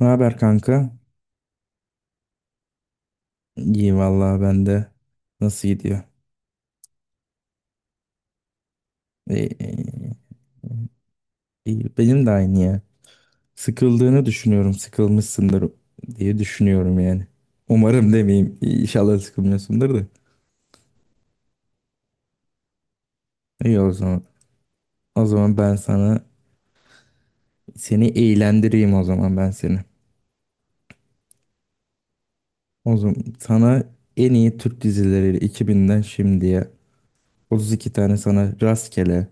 Ne haber kanka? İyi vallahi ben de. Nasıl gidiyor? Ee, iyi. Benim de aynı ya. Sıkıldığını düşünüyorum. Sıkılmışsındır diye düşünüyorum yani. Umarım demeyeyim. İnşallah sıkılmıyorsundur da. İyi o zaman. O zaman ben sana seni eğlendireyim o zaman ben seni. O zaman sana en iyi Türk dizileri 2000'den şimdiye 32 tane sana rastgele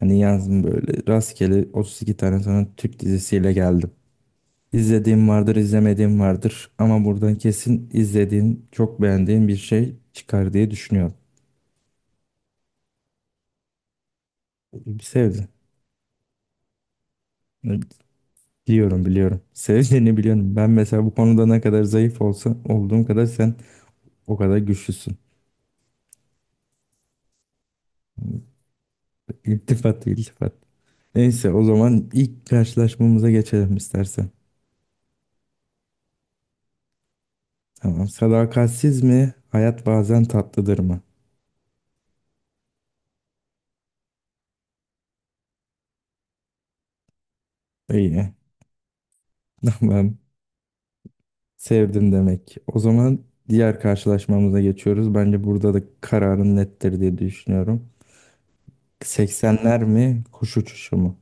hani yazdım, böyle rastgele 32 tane sana Türk dizisiyle geldim. İzlediğim vardır, izlemediğim vardır. Ama buradan kesin izlediğin, çok beğendiğin bir şey çıkar diye düşünüyorum. Sevdin. Biliyorum, biliyorum. Sevdiğini biliyorum. Ben mesela bu konuda ne kadar zayıf olsa olduğum kadar sen o kadar güçlüsün. İltifat, iltifat. Neyse o zaman ilk karşılaşmamıza geçelim istersen. Tamam. Sadakatsiz mi? Hayat bazen tatlıdır mı? İyi. Tamam. Sevdin demek. O zaman diğer karşılaşmamıza geçiyoruz. Bence burada da kararın nettir diye düşünüyorum. 80'ler mi, kuş uçuşu mu?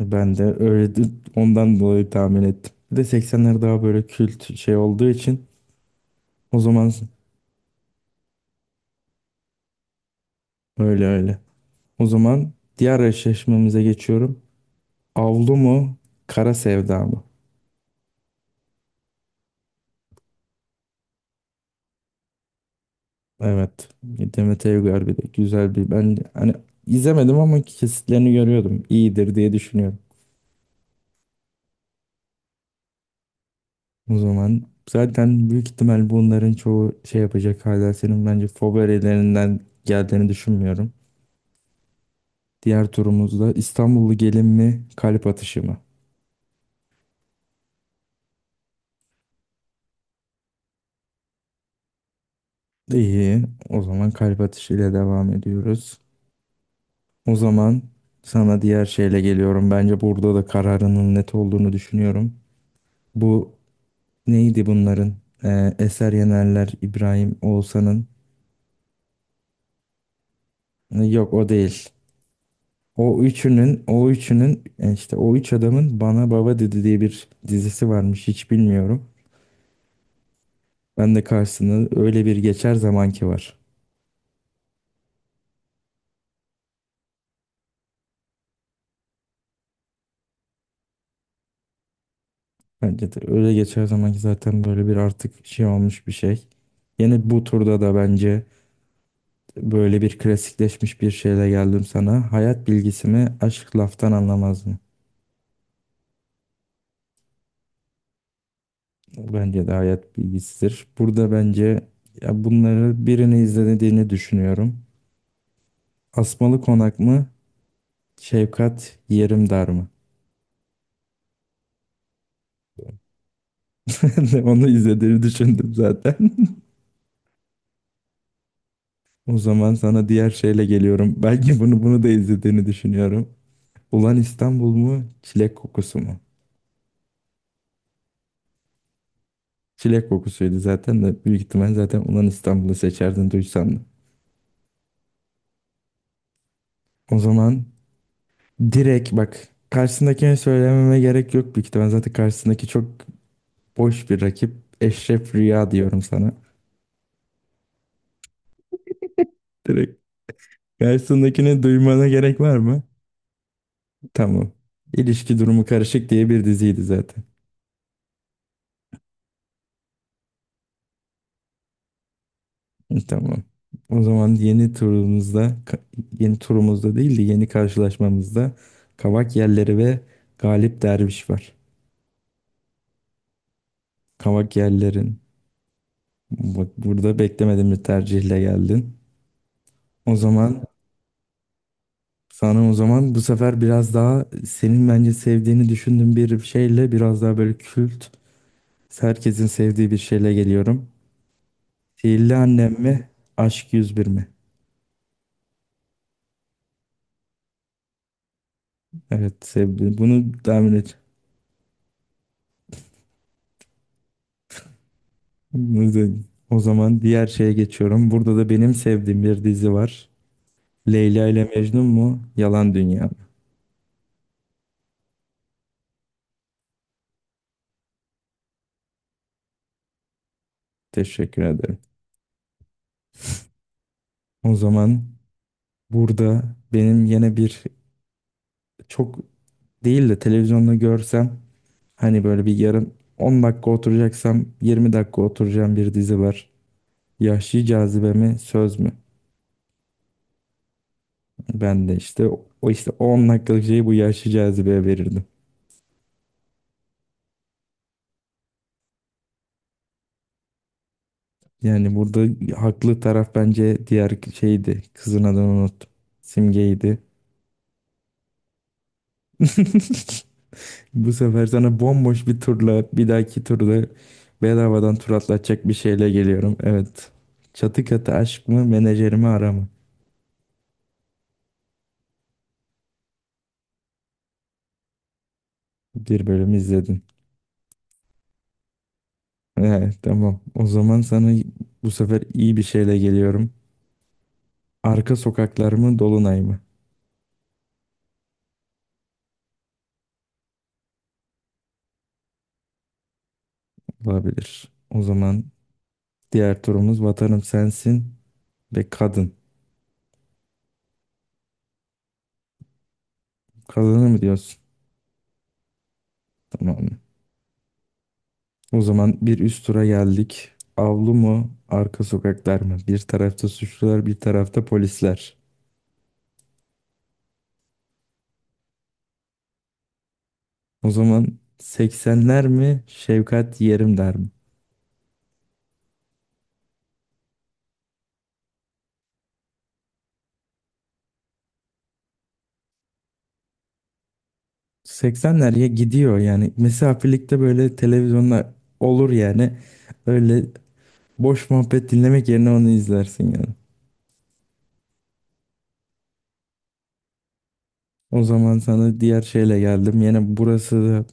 Ben de öyle ondan dolayı tahmin ettim. Bir de 80'ler daha böyle kült şey olduğu için o zaman öyle öyle. O zaman diğer eşleşmemize geçiyorum. Avlu mu, Kara Sevda mı? Evet. Demet Evgar bir de güzel bir, ben hani izlemedim ama kesitlerini görüyordum. İyidir diye düşünüyorum. O zaman zaten büyük ihtimal bunların çoğu şey yapacak, hala senin bence favorilerinden geldiğini düşünmüyorum. Diğer turumuzda İstanbullu gelin mi, kalp atışı mı? İyi, o zaman kalp atışıyla devam ediyoruz. O zaman sana diğer şeyle geliyorum. Bence burada da kararının net olduğunu düşünüyorum. Bu neydi bunların? Eser Yenerler, İbrahim Oğuzhan'ın... Yok, o değil. O üçünün, işte o üç adamın Bana Baba Dedi diye bir dizisi varmış, hiç bilmiyorum. Ben de karşısına öyle bir geçer zamanki var. Bence de öyle geçer zamanki zaten böyle bir artık şey olmuş bir şey. Yine bu turda da bence böyle bir klasikleşmiş bir şeyle geldim sana. Hayat bilgisi mi, aşk laftan anlamaz mı? Bence de hayat bilgisidir. Burada bence ya bunları birini izlediğini düşünüyorum. Asmalı Konak mı, Şefkat Yerim Dar mı? Ben de onu izlediğini düşündüm zaten. O zaman sana diğer şeyle geliyorum. Belki bunu da izlediğini düşünüyorum. Ulan İstanbul mu? Çilek kokusu mu? Çilek kokusuydu zaten de büyük ihtimal zaten Ulan İstanbul'u seçerdin duysan da. O zaman direkt bak, karşısındakine söylememe gerek yok büyük ihtimal. Zaten karşısındaki çok boş bir rakip. Eşref Rüya diyorum sana. Direkt karşısındakini duymana gerek var mı? Tamam. İlişki durumu karışık diye bir diziydi zaten. Tamam. O zaman yeni turumuzda, yeni turumuzda değil de yeni karşılaşmamızda Kavak Yerleri ve Galip Derviş var. Kavak Yerlerin. Bak, burada beklemedim bir tercihle geldin. O zaman sana, o zaman bu sefer biraz daha senin bence sevdiğini düşündüğüm bir şeyle, biraz daha böyle kült, herkesin sevdiği bir şeyle geliyorum. Sihirli Annem mi? Aşk 101 mi? Evet, sevdim. Bunu tahmin et. O zaman diğer şeye geçiyorum. Burada da benim sevdiğim bir dizi var. Leyla ile Mecnun mu? Yalan Dünya mı? Teşekkür ederim. O zaman burada benim yine bir, çok değil de televizyonda görsem hani böyle bir yarım 10 dakika oturacaksam 20 dakika oturacağım bir dizi var. Yahşi Cazibe mi? Söz mü? Ben de işte o işte 10 dakikalık şeyi bu Yahşi Cazibe'ye verirdim. Yani burada haklı taraf bence diğer şeydi. Kızın adını unuttum. Simge'ydi. Bu sefer sana bomboş bir turla, bir dahaki turda bedavadan tur atlatacak bir şeyle geliyorum. Evet. Çatı katı aşk mı, menajerimi ara mı? Bir bölüm izledin. Evet, tamam. O zaman sana bu sefer iyi bir şeyle geliyorum. Arka sokaklar mı, Dolunay mı? Olabilir. O zaman diğer turumuz Vatanım Sensin ve Kadın. Kadını mı diyorsun? Tamam. O zaman bir üst tura geldik. Avlu mu, arka sokaklar mı? Bir tarafta suçlular, bir tarafta polisler. O zaman 80'ler mi, Şevkat Yerim der mi? 80'ler ya gidiyor yani. Mesafelikte böyle televizyonda olur yani. Öyle boş muhabbet dinlemek yerine onu izlersin yani. O zaman sana diğer şeyle geldim. Yine burası da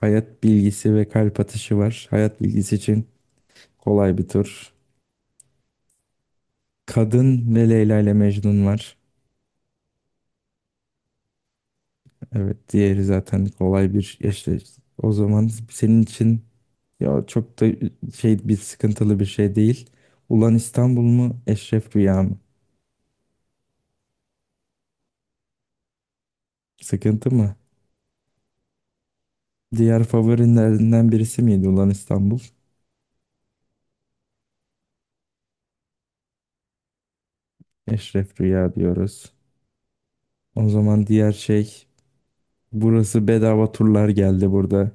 hayat bilgisi ve kalp atışı var. Hayat bilgisi için kolay bir tur. Kadın ve Leyla ile Mecnun var. Evet, diğeri zaten kolay bir işte, o zaman senin için ya çok da şey bir, sıkıntılı bir şey değil. Ulan İstanbul mu, Eşref Rüya mı? Sıkıntı mı? Diğer favorilerinden birisi miydi Ulan İstanbul? Eşref Rüya diyoruz. O zaman diğer şey, burası bedava turlar geldi burada.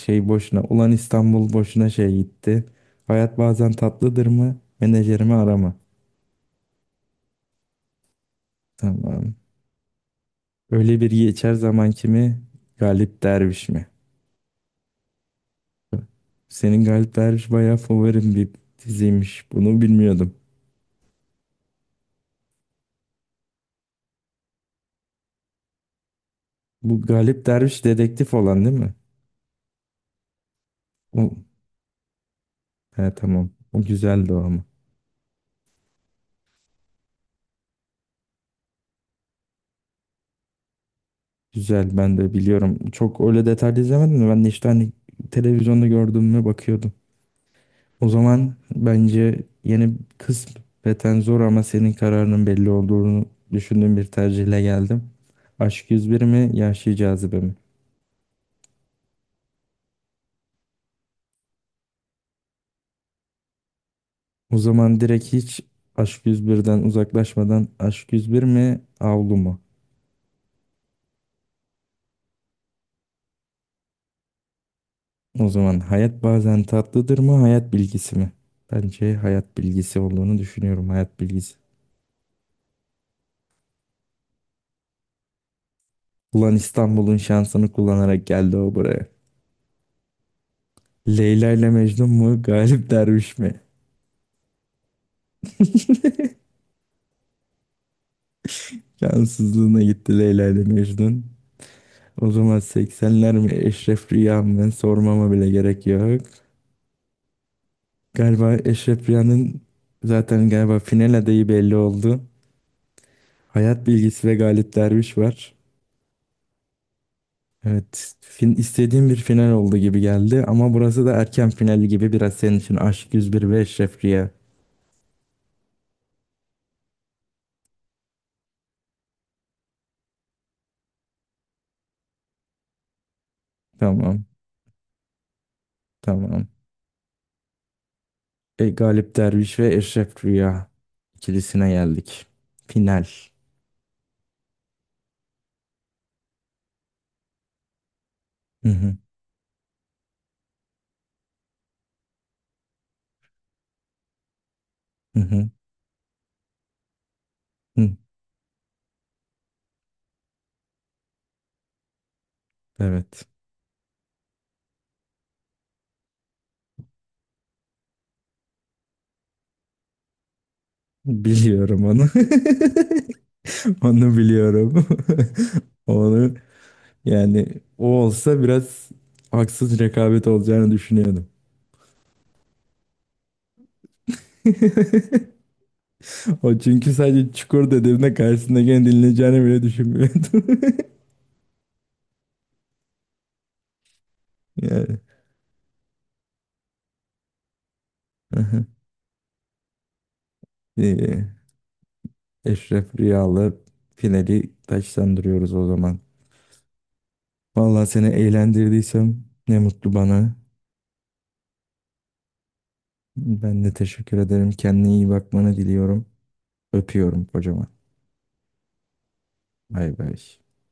Şey boşuna, Ulan İstanbul boşuna şey gitti. Hayat bazen tatlıdır mı? Menajerimi arama. Tamam. Öyle bir geçer zaman kimi? Galip Derviş mi? Senin Galip Derviş bayağı favorim bir diziymiş. Bunu bilmiyordum. Bu Galip Derviş dedektif olan değil mi? O, he, tamam. O güzeldi o ama. Güzel, ben de biliyorum. Çok öyle detaylı izlemedim de ben de işte hani televizyonda gördüğüme bakıyordum. O zaman bence yeni, kısmeten zor ama senin kararının belli olduğunu düşündüğüm bir tercihle geldim. Aşk 101 mi, Yahşi Cazibe mi? O zaman direkt hiç Aşk 101'den uzaklaşmadan, Aşk 101 mi, Avlu mu? O zaman hayat bazen tatlıdır mı, hayat bilgisi mi? Bence hayat bilgisi olduğunu düşünüyorum, hayat bilgisi. Ulan İstanbul'un şansını kullanarak geldi o buraya. Leyla ile Mecnun mu, Galip Derviş mi? Şanssızlığına gitti Leyla ile Mecnun. O zaman seksenler mi, Eşref Rüya mı, sormama bile gerek yok. Galiba Eşref Rüya'nın zaten galiba final adayı belli oldu. Hayat bilgisi ve Galip Derviş var. Evet, istediğim bir final oldu gibi geldi ama burası da erken finali gibi biraz senin için, Aşk yüz bir ve Eşref Rüya. Tamam, tamam. E, Galip Derviş ve Eşref Rüya ikilisine geldik. Final. Hı hı, hı hı, hı. Evet. Biliyorum onu. Onu biliyorum. Onu yani, o olsa biraz haksız rekabet olacağını düşünüyordum. O çünkü sadece çukur dediğimde karşısındakini dinleyeceğini bile düşünmüyordu. Yani. Aha. İyi. Eşref Rüyalı finali taçlandırıyoruz o zaman. Vallahi seni eğlendirdiysem ne mutlu bana. Ben de teşekkür ederim. Kendine iyi bakmanı diliyorum. Öpüyorum kocaman. Bay bay.